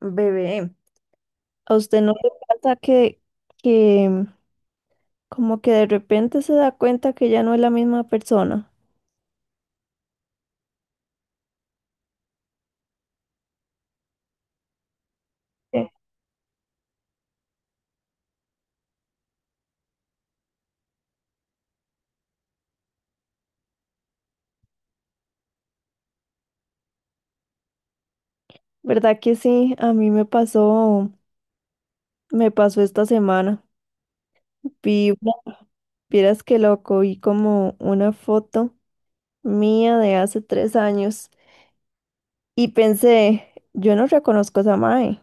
Bebé, ¿a usted no le pasa que, que como que de repente se da cuenta que ya no es la misma persona? Sí. ¿Verdad que sí? A mí me pasó esta semana. Vi, una- vieras que loco, vi como una foto mía de hace 3 años y pensé, yo no reconozco a esa mae.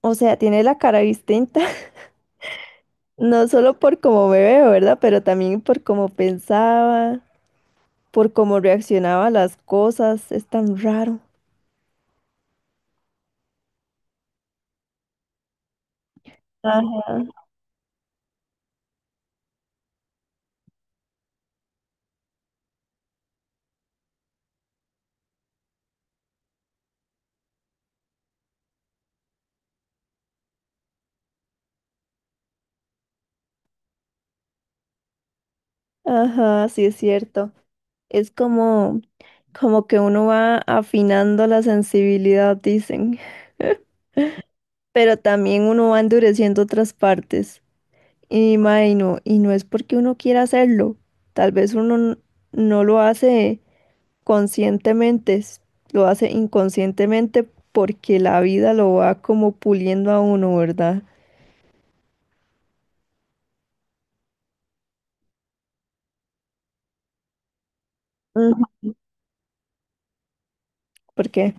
O sea, tiene la cara distinta, no solo por cómo me veo, ¿verdad? Pero también por cómo pensaba, por cómo reaccionaba a las cosas, es tan raro. Ajá. Ajá, sí es cierto. Es como, como que uno va afinando la sensibilidad, dicen, pero también uno va endureciendo otras partes. Y mae, no, y no es porque uno quiera hacerlo. Tal vez uno n- no lo hace conscientemente, lo hace inconscientemente porque la vida lo va como puliendo a uno, ¿verdad? Ujú. Porque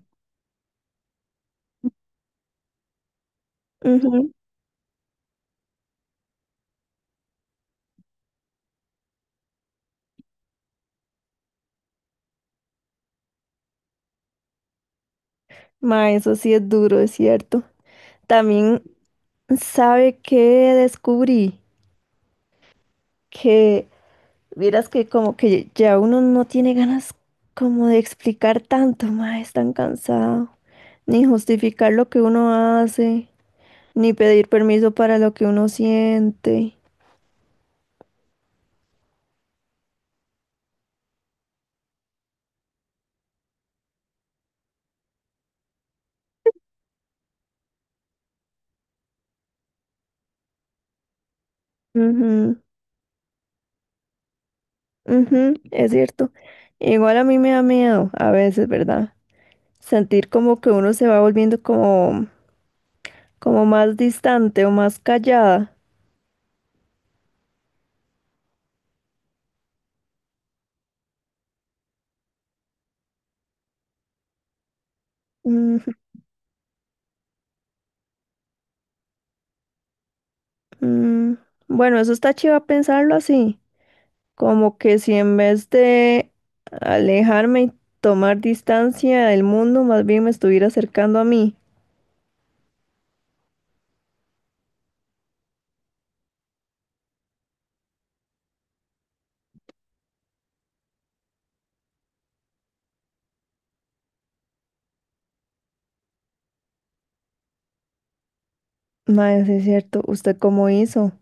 ma, eso sí es duro, es cierto. También sabe que descubrí que, vieras que como que ya uno no tiene ganas como de explicar tanto, ma, es tan cansado. Ni justificar lo que uno hace, ni pedir permiso para lo que uno siente. Ujú, ujú, es cierto. Igual a mí me da miedo a veces, ¿verdad? Sentir como que uno se va volviendo como, como más distante o más callada. Mm, bueno, eso está chido pensarlo así, como que si en vez de alejarme y tomar distancia del mundo, más bien me estuviera acercando a mí. Mae, sí es cierto, ¿usted cómo hizo?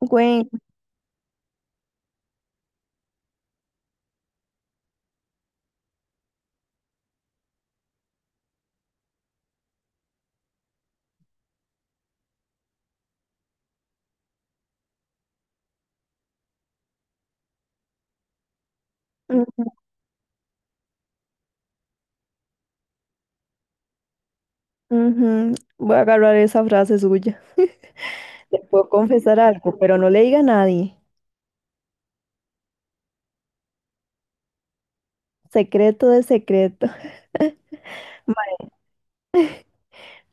Güey, mm, ujú, voy a agarrar esa frase suya. Le puedo confesar algo, pero no le diga a nadie. Secreto de secreto. Mae,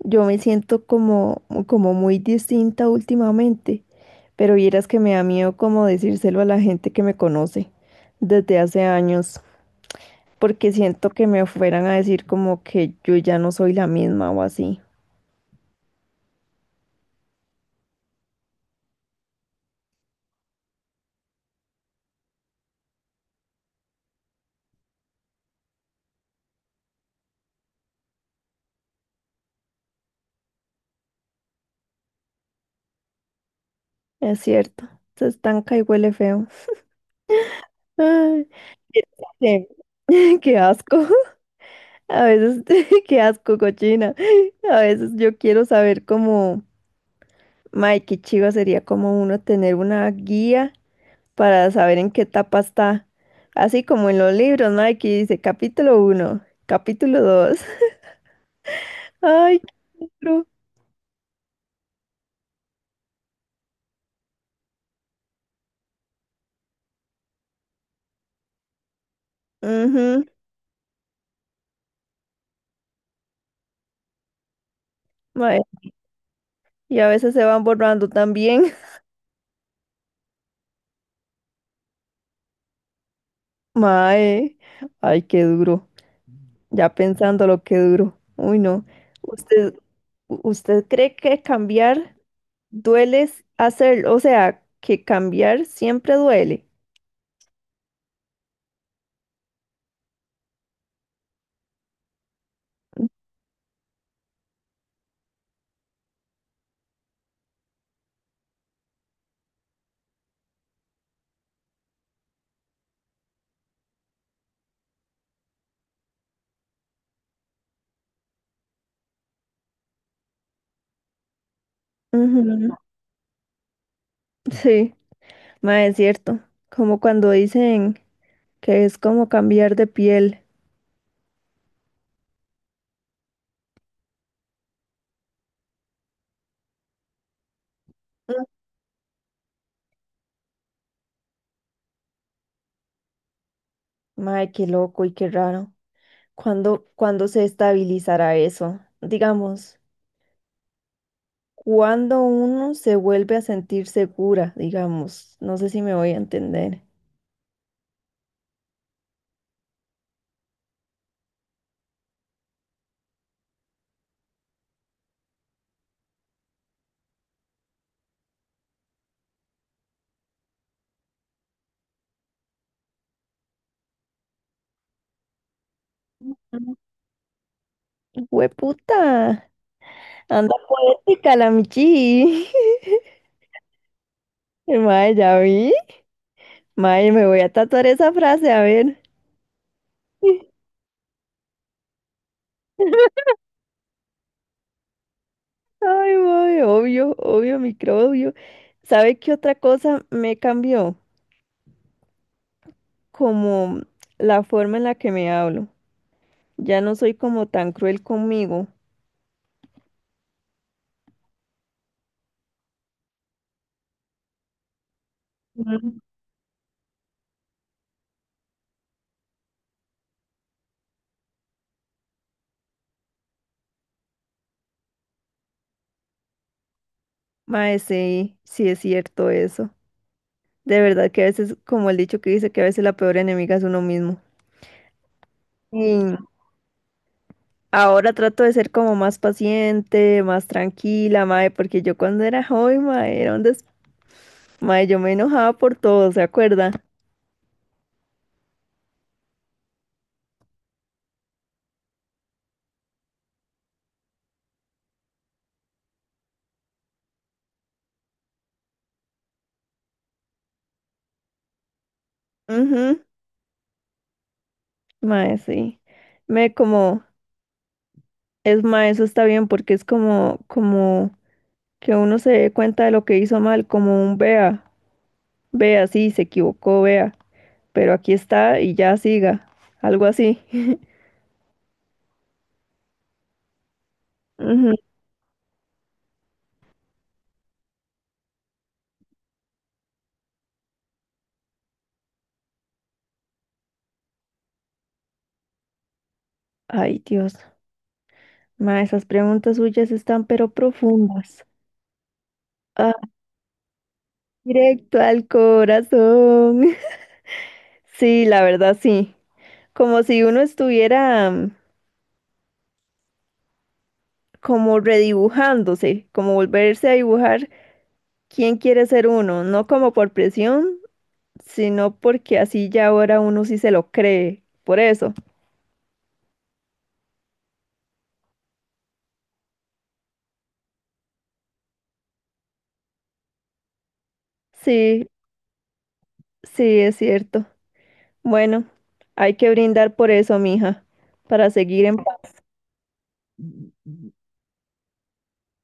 yo me siento como, como muy distinta últimamente. Pero vieras que me da miedo como decírselo a la gente que me conoce desde hace años, porque siento que me fueran a decir como que yo ya no soy la misma o así. Es cierto, se estanca y huele feo. Ay, vieras que- qué asco. A veces, qué asco, cochina. A veces yo quiero saber cómo, Mike, qué chiva sería como uno tener una guía para saber en qué etapa está. Así como en los libros, Mike, que dice capítulo uno, capítulo dos. Ay, qué pro. Ujú, mae. Y a veces se van borrando también. Mae. Ay, qué duro. Ya pensando lo que duro. Uy, no. ¿Usted, usted cree que cambiar duele s- hacer, o sea, que cambiar siempre duele? Ujú. Sí, mae, es cierto. Como cuando dicen que es como cambiar de piel. Mm. Mae, qué loco y qué raro. ¿ cuándo se estabilizará eso? Digamos, cuando uno se vuelve a sentir segura, digamos, no sé si me voy a entender. ¡Hueputa! Anda poética la Michi. Mae, ya vi. Mae, me voy a tatuar esa frase, a ver. Ay, mae, obvio, obvio, microbio. ¿Sabe qué otra cosa me cambió? Como la forma en la que me hablo. Ya no soy como tan cruel conmigo. Mae, sí, sí es cierto eso. De verdad que a veces, como el dicho que dice, que a veces la peor enemiga es uno mismo. Y ahora trato de ser como más paciente, más tranquila, mae, porque yo cuando era joven, mae, era mae, yo me enojaba por todo, ¿se acuerda? Ujú, mae, sí. Me como, es mae, eso está bien porque es como, como que uno se dé cuenta de lo que hizo mal, como un vea, vea, sí, se equivocó, vea, pero aquí está y ya siga, algo así. Ujú. Ay, Dios. Ma, esas preguntas suyas están pero profundas. Ah, directo al corazón. Sí, la verdad sí. Como si uno estuviera como redibujándose, como volverse a dibujar quién quiere ser uno, no como por presión, sino porque así ya ahora uno sí se lo cree. Por eso. Sí, sí, es cierto. Bueno, hay que brindar por eso, mija, para seguir en